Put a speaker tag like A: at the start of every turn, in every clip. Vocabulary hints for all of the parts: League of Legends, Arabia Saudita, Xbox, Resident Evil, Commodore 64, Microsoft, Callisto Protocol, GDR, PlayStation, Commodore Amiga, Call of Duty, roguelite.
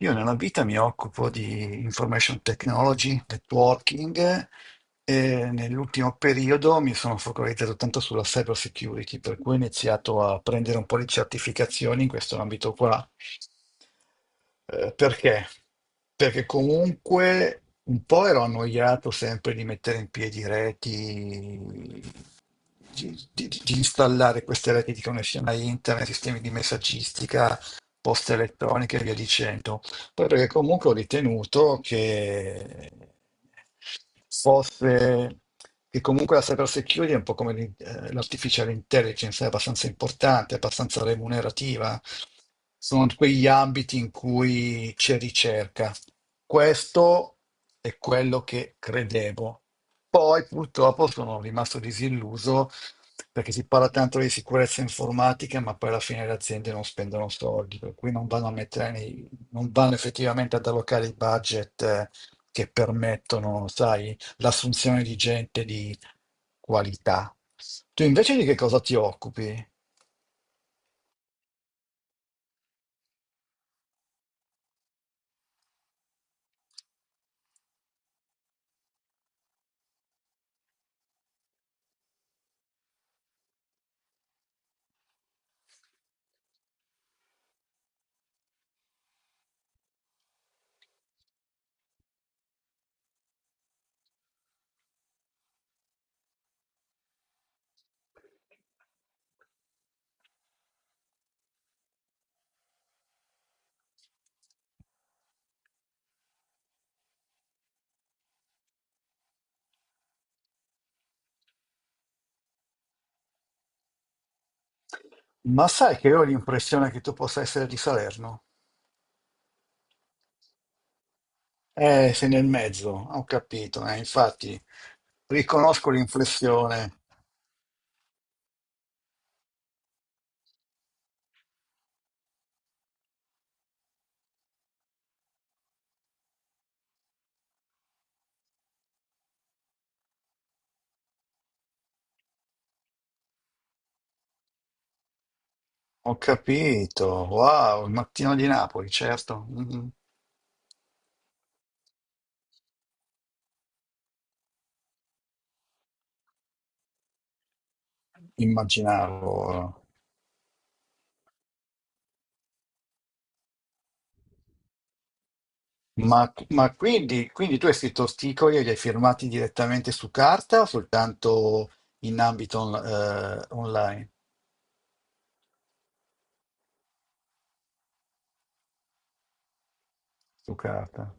A: Io nella vita mi occupo di information technology, networking e nell'ultimo periodo mi sono focalizzato tanto sulla cyber security, per cui ho iniziato a prendere un po' di certificazioni in questo ambito qua. Perché? Perché comunque un po' ero annoiato sempre di mettere in piedi reti, di installare queste reti di connessione a internet, sistemi di messaggistica, poste elettroniche e via dicendo. Poi perché comunque ho ritenuto che fosse che comunque la cyber security è un po' come l'artificial intelligence, è abbastanza importante, è abbastanza remunerativa. Sono quegli ambiti in cui c'è ricerca. Questo è quello che credevo. Poi purtroppo sono rimasto disilluso perché si parla tanto di sicurezza informatica, ma poi alla fine le aziende non spendono soldi, per cui non vanno a mettere nei, non vanno effettivamente ad allocare i budget che permettono, sai, l'assunzione di gente di qualità. Tu invece di che cosa ti occupi? Ma sai che io ho l'impressione che tu possa essere di Salerno? Sei nel mezzo, ho capito, infatti riconosco l'inflessione. Ho capito, wow, il mattino di Napoli, certo, mhm. Immaginavo. Quindi, quindi tu hai scritto sticoli e li hai firmati direttamente su carta o soltanto in ambito online? Su carta.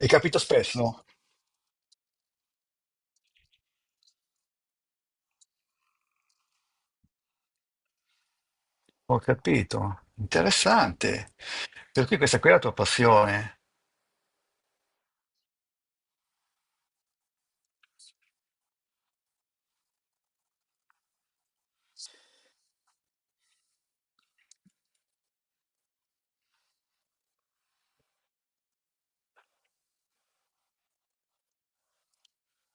A: Hai capito spesso? Ho capito. Interessante. Per cui questa qui è la tua passione.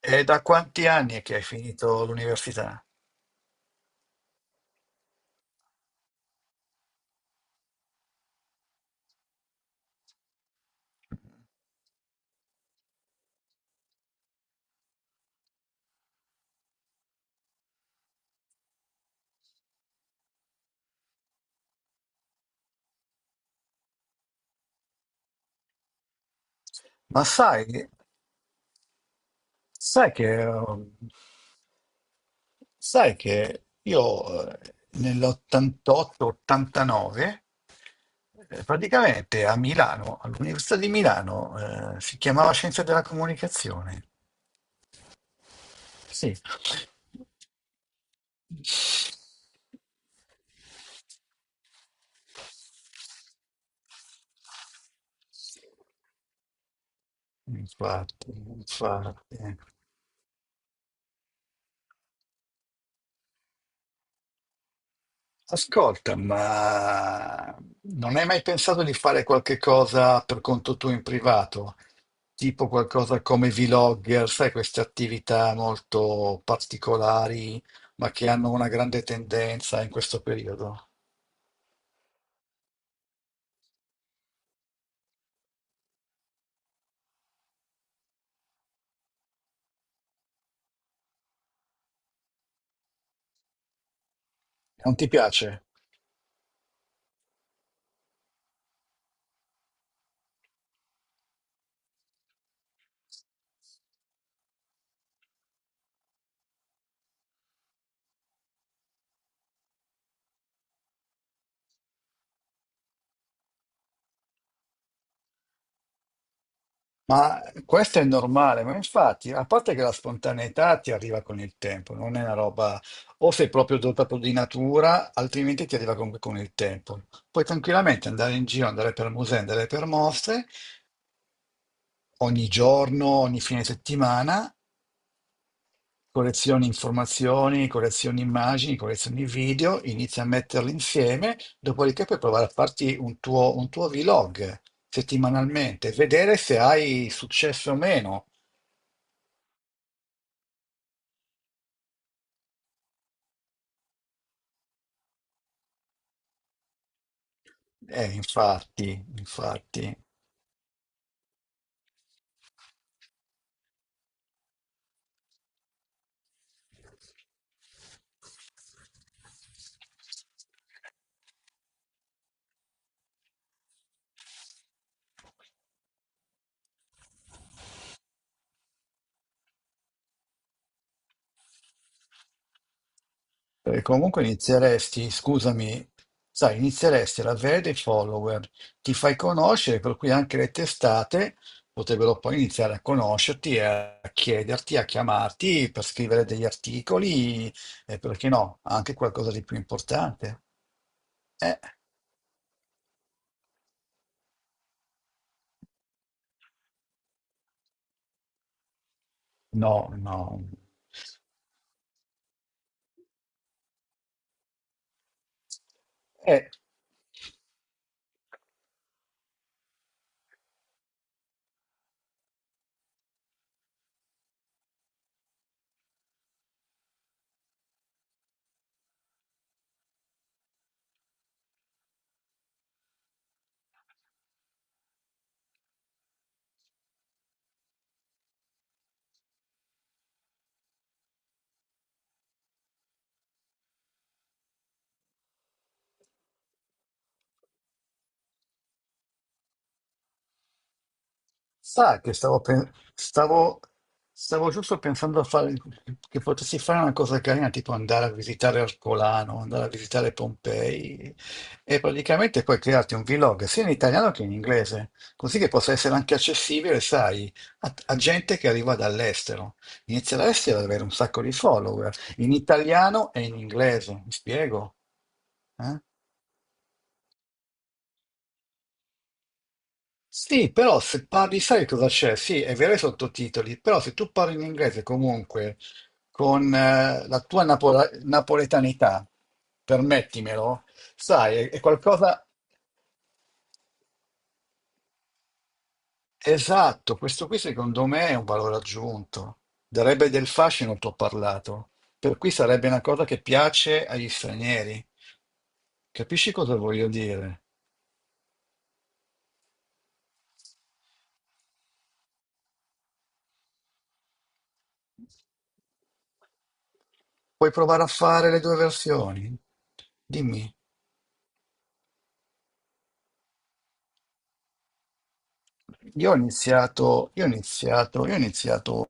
A: È da quanti anni è che hai finito l'università? Ma sai, sai che, eh, sai che io nell'88-89 praticamente a Milano, all'Università di Milano, si chiamava Scienze della Comunicazione. Sì. Infatti, infatti. Ascolta, ma non hai mai pensato di fare qualche cosa per conto tuo in privato? Tipo qualcosa come vlogger, sai, queste attività molto particolari, ma che hanno una grande tendenza in questo periodo? Non ti piace? Ma questo è normale, ma infatti, a parte che la spontaneità ti arriva con il tempo, non è una roba, o sei proprio dotato di natura, altrimenti ti arriva comunque con il tempo. Puoi tranquillamente andare in giro, andare per musei, andare per mostre, ogni giorno, ogni fine settimana, collezioni informazioni, collezioni immagini, collezioni video, inizia a metterli insieme, dopodiché puoi provare a farti un tuo vlog settimanalmente, vedere se hai successo o meno. Infatti, infatti. Perché comunque inizieresti, scusami, sai, inizieresti ad avere dei follower, ti fai conoscere, per cui anche le testate potrebbero poi iniziare a conoscerti, e a chiederti, a chiamarti per scrivere degli articoli e perché no, anche qualcosa di più importante. Eh, no, no. Eh, sa che stavo giusto pensando a fare, che potessi fare una cosa carina, tipo andare a visitare Ercolano, andare a visitare Pompei e praticamente poi crearti un vlog sia in italiano che in inglese, così che possa essere anche accessibile, sai, a gente che arriva dall'estero. Inizia l'estero ad avere un sacco di follower, in italiano e in inglese, mi spiego? Eh? Sì, però se parli, sai cosa c'è? Sì, è vero i sottotitoli, però se tu parli in inglese comunque con la tua napoletanità, permettimelo, sai, è qualcosa esatto. Questo qui secondo me è un valore aggiunto, darebbe del fascino al tuo parlato, per cui sarebbe una cosa che piace agli stranieri. Capisci cosa voglio dire? Puoi provare a fare le due versioni? Dimmi. Io ho iniziato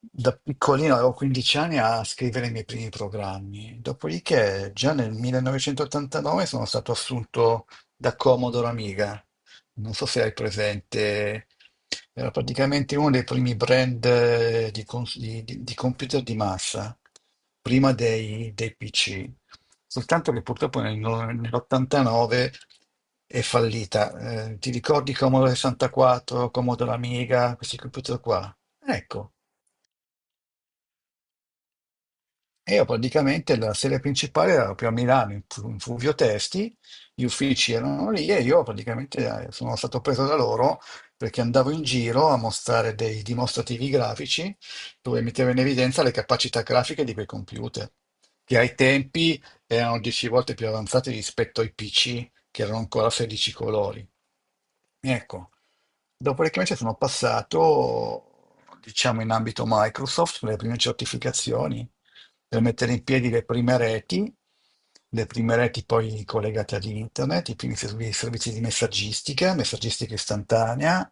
A: da piccolino, avevo 15 anni a scrivere i miei primi programmi. Dopodiché, già nel 1989 sono stato assunto da Commodore Amiga. Non so se hai presente, era praticamente uno dei primi brand di, di computer di massa, prima dei PC. Soltanto che purtroppo nel no- nell'89 è fallita. Ti ricordi Commodore 64, Commodore Amiga, questi computer qua? Ecco, e io praticamente la sede principale era proprio a Milano, in Fulvio Testi, gli uffici erano lì e io praticamente sono stato preso da loro perché andavo in giro a mostrare dei dimostrativi grafici dove mettevo in evidenza le capacità grafiche di quei computer, che ai tempi erano 10 volte più avanzati rispetto ai PC, che erano ancora 16 colori. Ecco, dopodiché invece sono passato, diciamo, in ambito Microsoft per le prime certificazioni, per mettere in piedi le prime reti poi collegate ad internet, i primi servizi di messaggistica, messaggistica istantanea,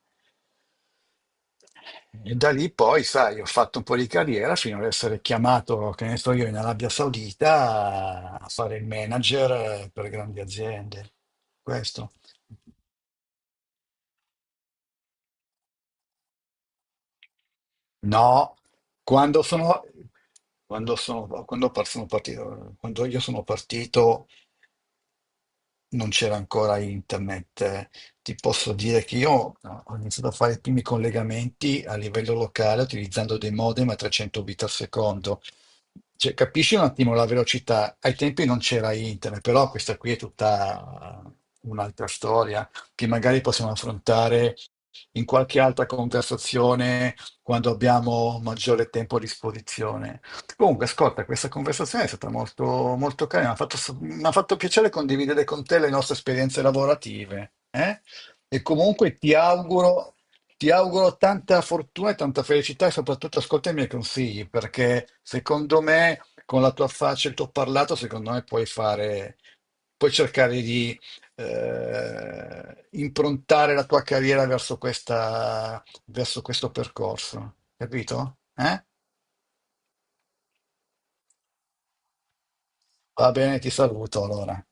A: e da lì poi, sai, ho fatto un po' di carriera fino ad essere chiamato, che ne so io, in Arabia Saudita a fare il manager per grandi aziende. Questo. No, quando sono, quando sono, quando par- sono partito, quando io sono partito non c'era ancora internet. Eh. Ti posso dire che io no, ho iniziato a fare i primi collegamenti a livello locale utilizzando dei modem a 300 bit al secondo. Cioè, capisci un attimo la velocità? Ai tempi non c'era internet, però questa qui è tutta un'altra storia che magari possiamo affrontare in qualche altra conversazione quando abbiamo maggiore tempo a disposizione. Comunque, ascolta, questa conversazione è stata molto, molto carina, mi ha fatto piacere condividere con te le nostre esperienze lavorative, eh? E comunque ti auguro tanta fortuna e tanta felicità e soprattutto ascolta i miei consigli, perché secondo me, con la tua faccia e il tuo parlato, secondo me puoi fare, puoi cercare di improntare la tua carriera verso questa, verso questo percorso, capito? Eh? Va bene, ti saluto allora.